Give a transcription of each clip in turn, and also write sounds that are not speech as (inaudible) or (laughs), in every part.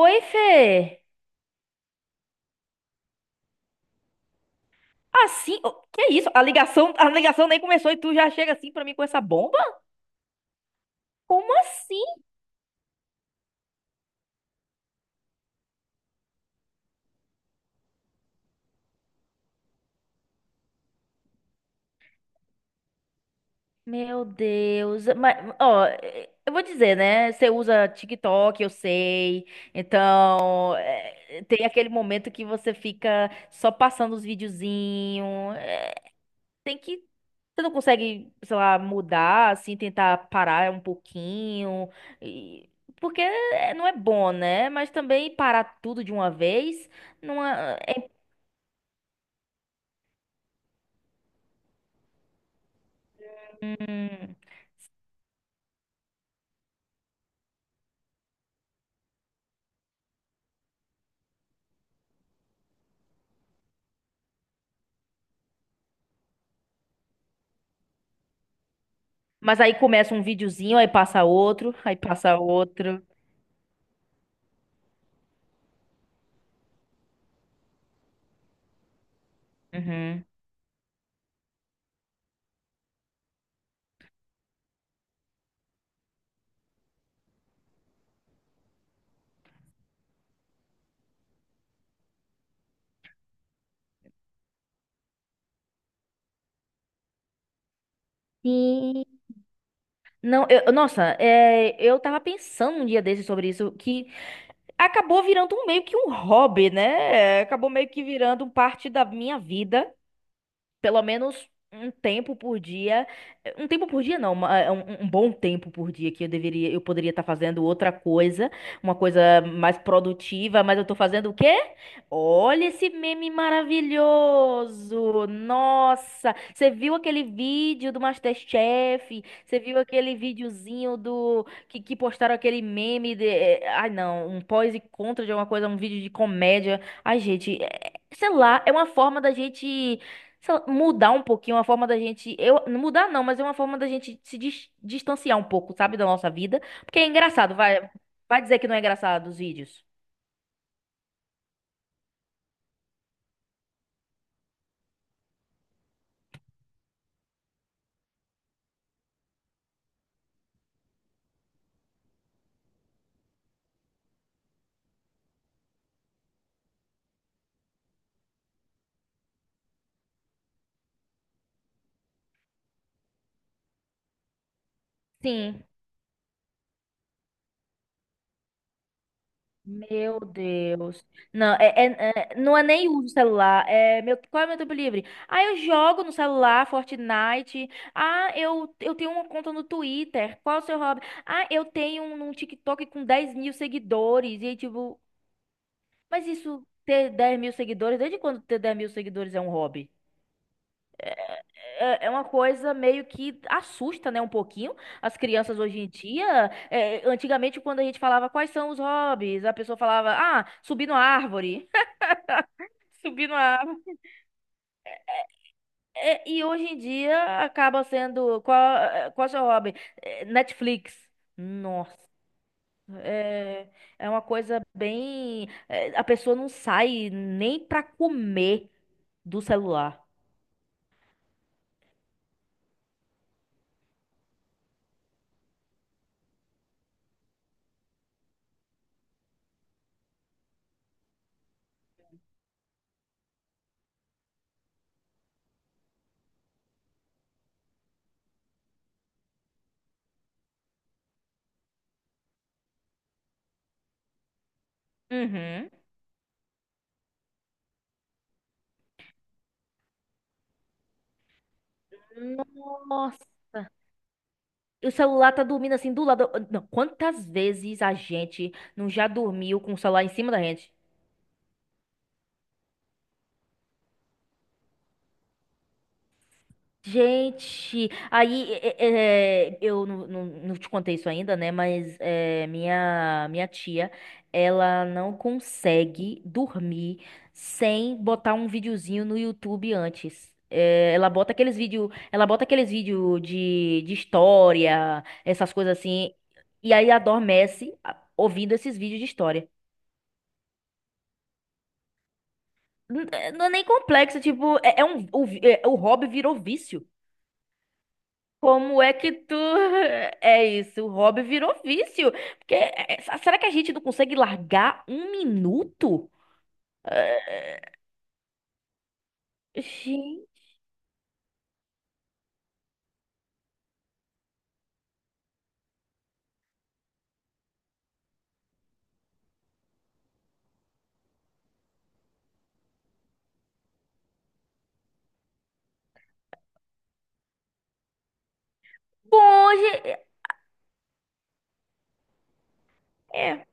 Oi, Fê! Assim, que é isso? A ligação nem começou e tu já chega assim pra mim com essa bomba? Como assim? Meu Deus, mas ó, eu vou dizer, né? Você usa TikTok, eu sei. Então, é, tem aquele momento que você fica só passando os videozinhos. Tem que. Você não consegue, sei lá, mudar, assim, tentar parar um pouquinho. e- Porque não é bom, né? Mas também parar tudo de uma vez não é. Hum. Mas aí começa um videozinho, aí passa outro, aí passa outro. Uhum. Sim. Não, nossa, eu tava pensando um dia desses sobre isso, que acabou virando um meio que um hobby, né? É, acabou meio que virando parte da minha vida. Pelo menos um tempo por dia. Um tempo por dia não, um bom tempo por dia que eu deveria, eu poderia estar fazendo outra coisa, uma coisa mais produtiva, mas eu tô fazendo o quê? Olha esse meme maravilhoso! Nossa, você viu aquele vídeo do MasterChef? Você viu aquele videozinho do que postaram aquele meme de, ai não, um pós e contra de alguma coisa, um vídeo de comédia. Ai, gente, sei lá, é uma forma da gente só mudar um pouquinho a forma da gente. Eu, mudar não, mas é uma forma da gente se distanciar um pouco, sabe, da nossa vida. Porque é engraçado, vai dizer que não é engraçado os vídeos. Sim. Meu Deus. Não, não é nem uso celular. É meu, qual é meu tempo livre? Ah, eu jogo no celular, Fortnite. Ah, eu tenho uma conta no Twitter. Qual é o seu hobby? Ah, eu tenho um TikTok com 10 mil seguidores. E aí, tipo, mas isso ter 10 mil seguidores, desde quando ter 10 mil seguidores é um hobby? É uma coisa meio que assusta, né, um pouquinho as crianças hoje em dia. É, antigamente, quando a gente falava quais são os hobbies, a pessoa falava, ah, subir na árvore. (laughs) Subir na árvore. É, e hoje em dia acaba sendo qual é o seu hobby? É, Netflix. Nossa. É, é uma coisa bem. A pessoa não sai nem pra comer do celular. Uhum. Nossa. O celular tá dormindo assim do lado. Não, quantas vezes a gente não já dormiu com o celular em cima da gente? Gente, aí eu não te contei isso ainda, né? Mas minha tia, ela não consegue dormir sem botar um videozinho no YouTube antes. É, ela bota aqueles vídeo de história, essas coisas assim, e aí adormece ouvindo esses vídeos de história. Não é nem complexo, tipo, o hobby virou vício. Como é que tu. (laughs) É isso, o hobby virou vício. Porque, será que a gente não consegue largar um minuto? Ah, gente, bom, é,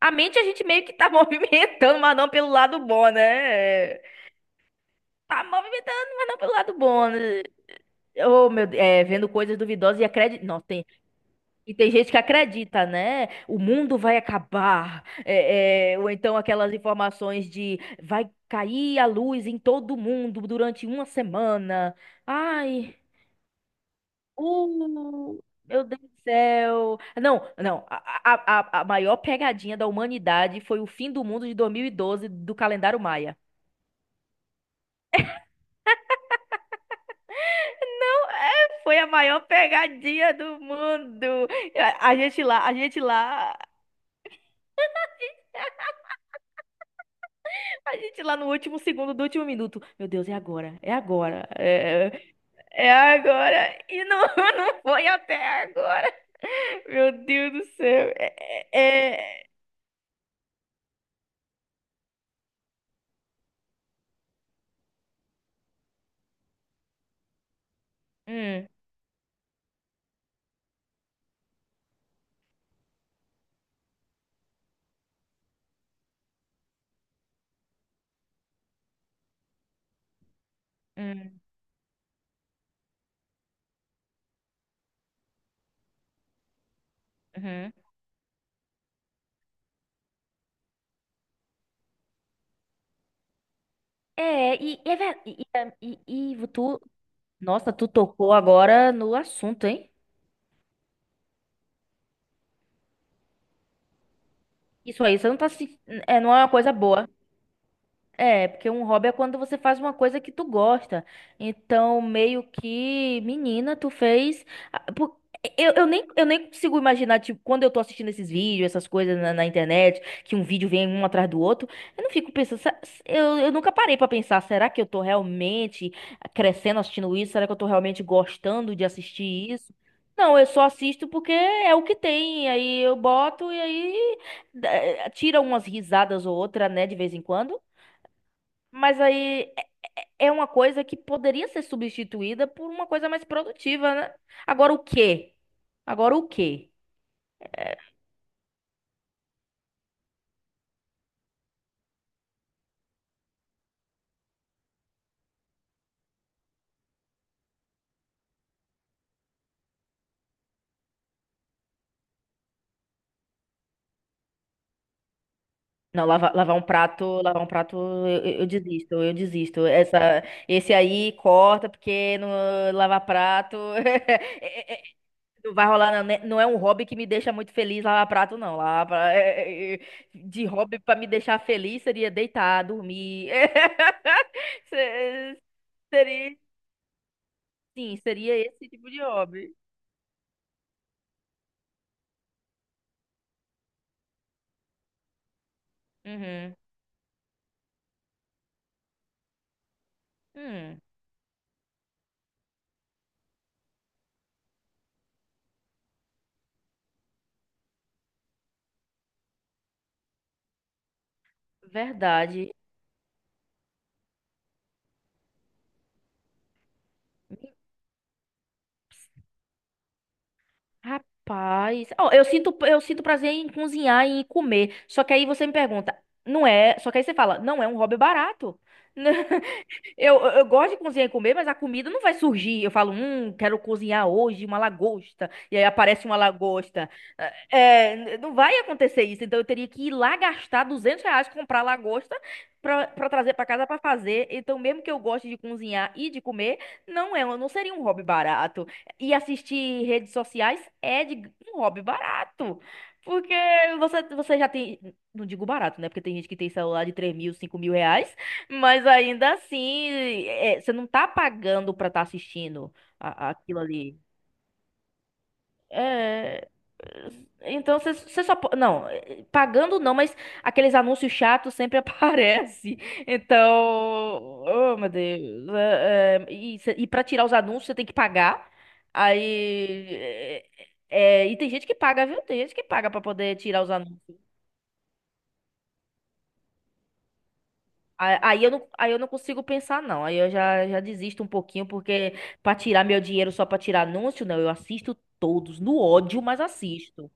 a mente a gente meio que tá (laughs) movimentando, mas não pelo lado bom, né? É, tá movimentando, mas não pelo lado bom, né? Oh, meu Deus, vendo coisas duvidosas e acreditando. Nossa, e tem gente que acredita, né? O mundo vai acabar. Ou então aquelas informações de vai cair a luz em todo mundo durante uma semana. Ai, uh, meu Deus do céu. Não, não. A maior pegadinha da humanidade foi o fim do mundo de 2012 do calendário Maia. É, foi a maior pegadinha do mundo. A gente lá. A gente lá no último segundo do último minuto. Meu Deus, é agora, é agora, é agora. E não, (laughs) não foi até agora. Meu Deus do céu. É- é- Hum, hum, uhum. É, e, é ver- e- é, e tu, nossa, tu tocou agora no assunto, hein? Isso aí, você não tá se, não é uma coisa boa. É, porque um hobby é quando você faz uma coisa que tu gosta. Então, meio que, menina, tu fez. ah, por- eu nem consigo imaginar, tipo, quando eu tô assistindo esses vídeos, essas coisas na internet, que um vídeo vem um atrás do outro, eu não fico pensando. Eu nunca parei pra pensar, será que eu tô realmente crescendo assistindo isso? Será que eu tô realmente gostando de assistir isso? Não, eu só assisto porque é o que tem. Aí eu boto e aí tira umas risadas ou outra, né, de vez em quando. Mas aí é uma coisa que poderia ser substituída por uma coisa mais produtiva, né? Agora o quê? Agora o quê? Não, lavar um prato, eu desisto. Essa, esse aí corta porque no, lavar prato (laughs) é- é- não vai rolar, não, né? Não é um hobby que me deixa muito feliz lavar prato, não. Lavar, pra- é- é- é- de hobby para me deixar feliz seria deitar, dormir. (laughs) Se- Seria, sim, seria esse tipo de hobby. Uhum. Hum, verdade. Rapaz, ó, eu sinto prazer em cozinhar e em comer. Só que aí você me pergunta, não é? Só que aí você fala, não é um hobby barato. (laughs) Eu gosto de cozinhar e comer, mas a comida não vai surgir. Eu falo, quero cozinhar hoje uma lagosta. E aí aparece uma lagosta. É, não vai acontecer isso. Então eu teria que ir lá gastar R$ 200 comprar lagosta pra trazer pra casa pra fazer. Então, mesmo que eu goste de cozinhar e de comer, não é, não seria um hobby barato. E assistir redes sociais é um hobby barato. Porque você já tem. Não digo barato, né? Porque tem gente que tem celular de 3 mil, 5 mil reais. Mas ainda assim, você não tá pagando pra estar assistindo aquilo ali. É, então você só. Não, pagando não, mas aqueles anúncios chatos sempre (laughs) aparecem. Então. Oh, meu Deus. E pra tirar os anúncios, você tem que pagar. Aí. E tem gente que paga, viu? Tem gente que paga pra poder tirar os anúncios. Aí eu não, aí eu não consigo pensar, não. Aí eu já desisto um pouquinho, porque pra tirar meu dinheiro só pra tirar anúncio, não. Eu assisto todos, no ódio, mas assisto.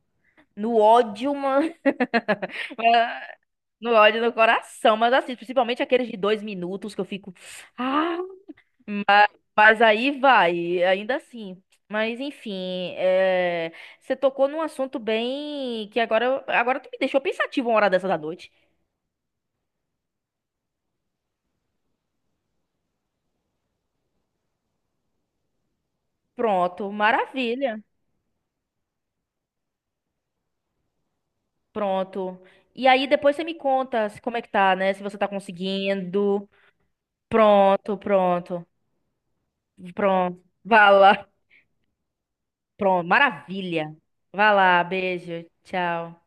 No ódio, mano. (laughs) No ódio no coração, mas assisto. Principalmente aqueles de 2 minutos que eu fico. Ah, mas aí vai, ainda assim. Mas enfim, você tocou num assunto bem que agora, agora tu me deixou pensativo uma hora dessa da noite. Pronto, maravilha. Pronto. E aí depois você me conta como é que tá, né? Se você tá conseguindo. Pronto, pronto. Pronto. Vá lá. Pronto. Maravilha. Vá lá. Beijo. Tchau.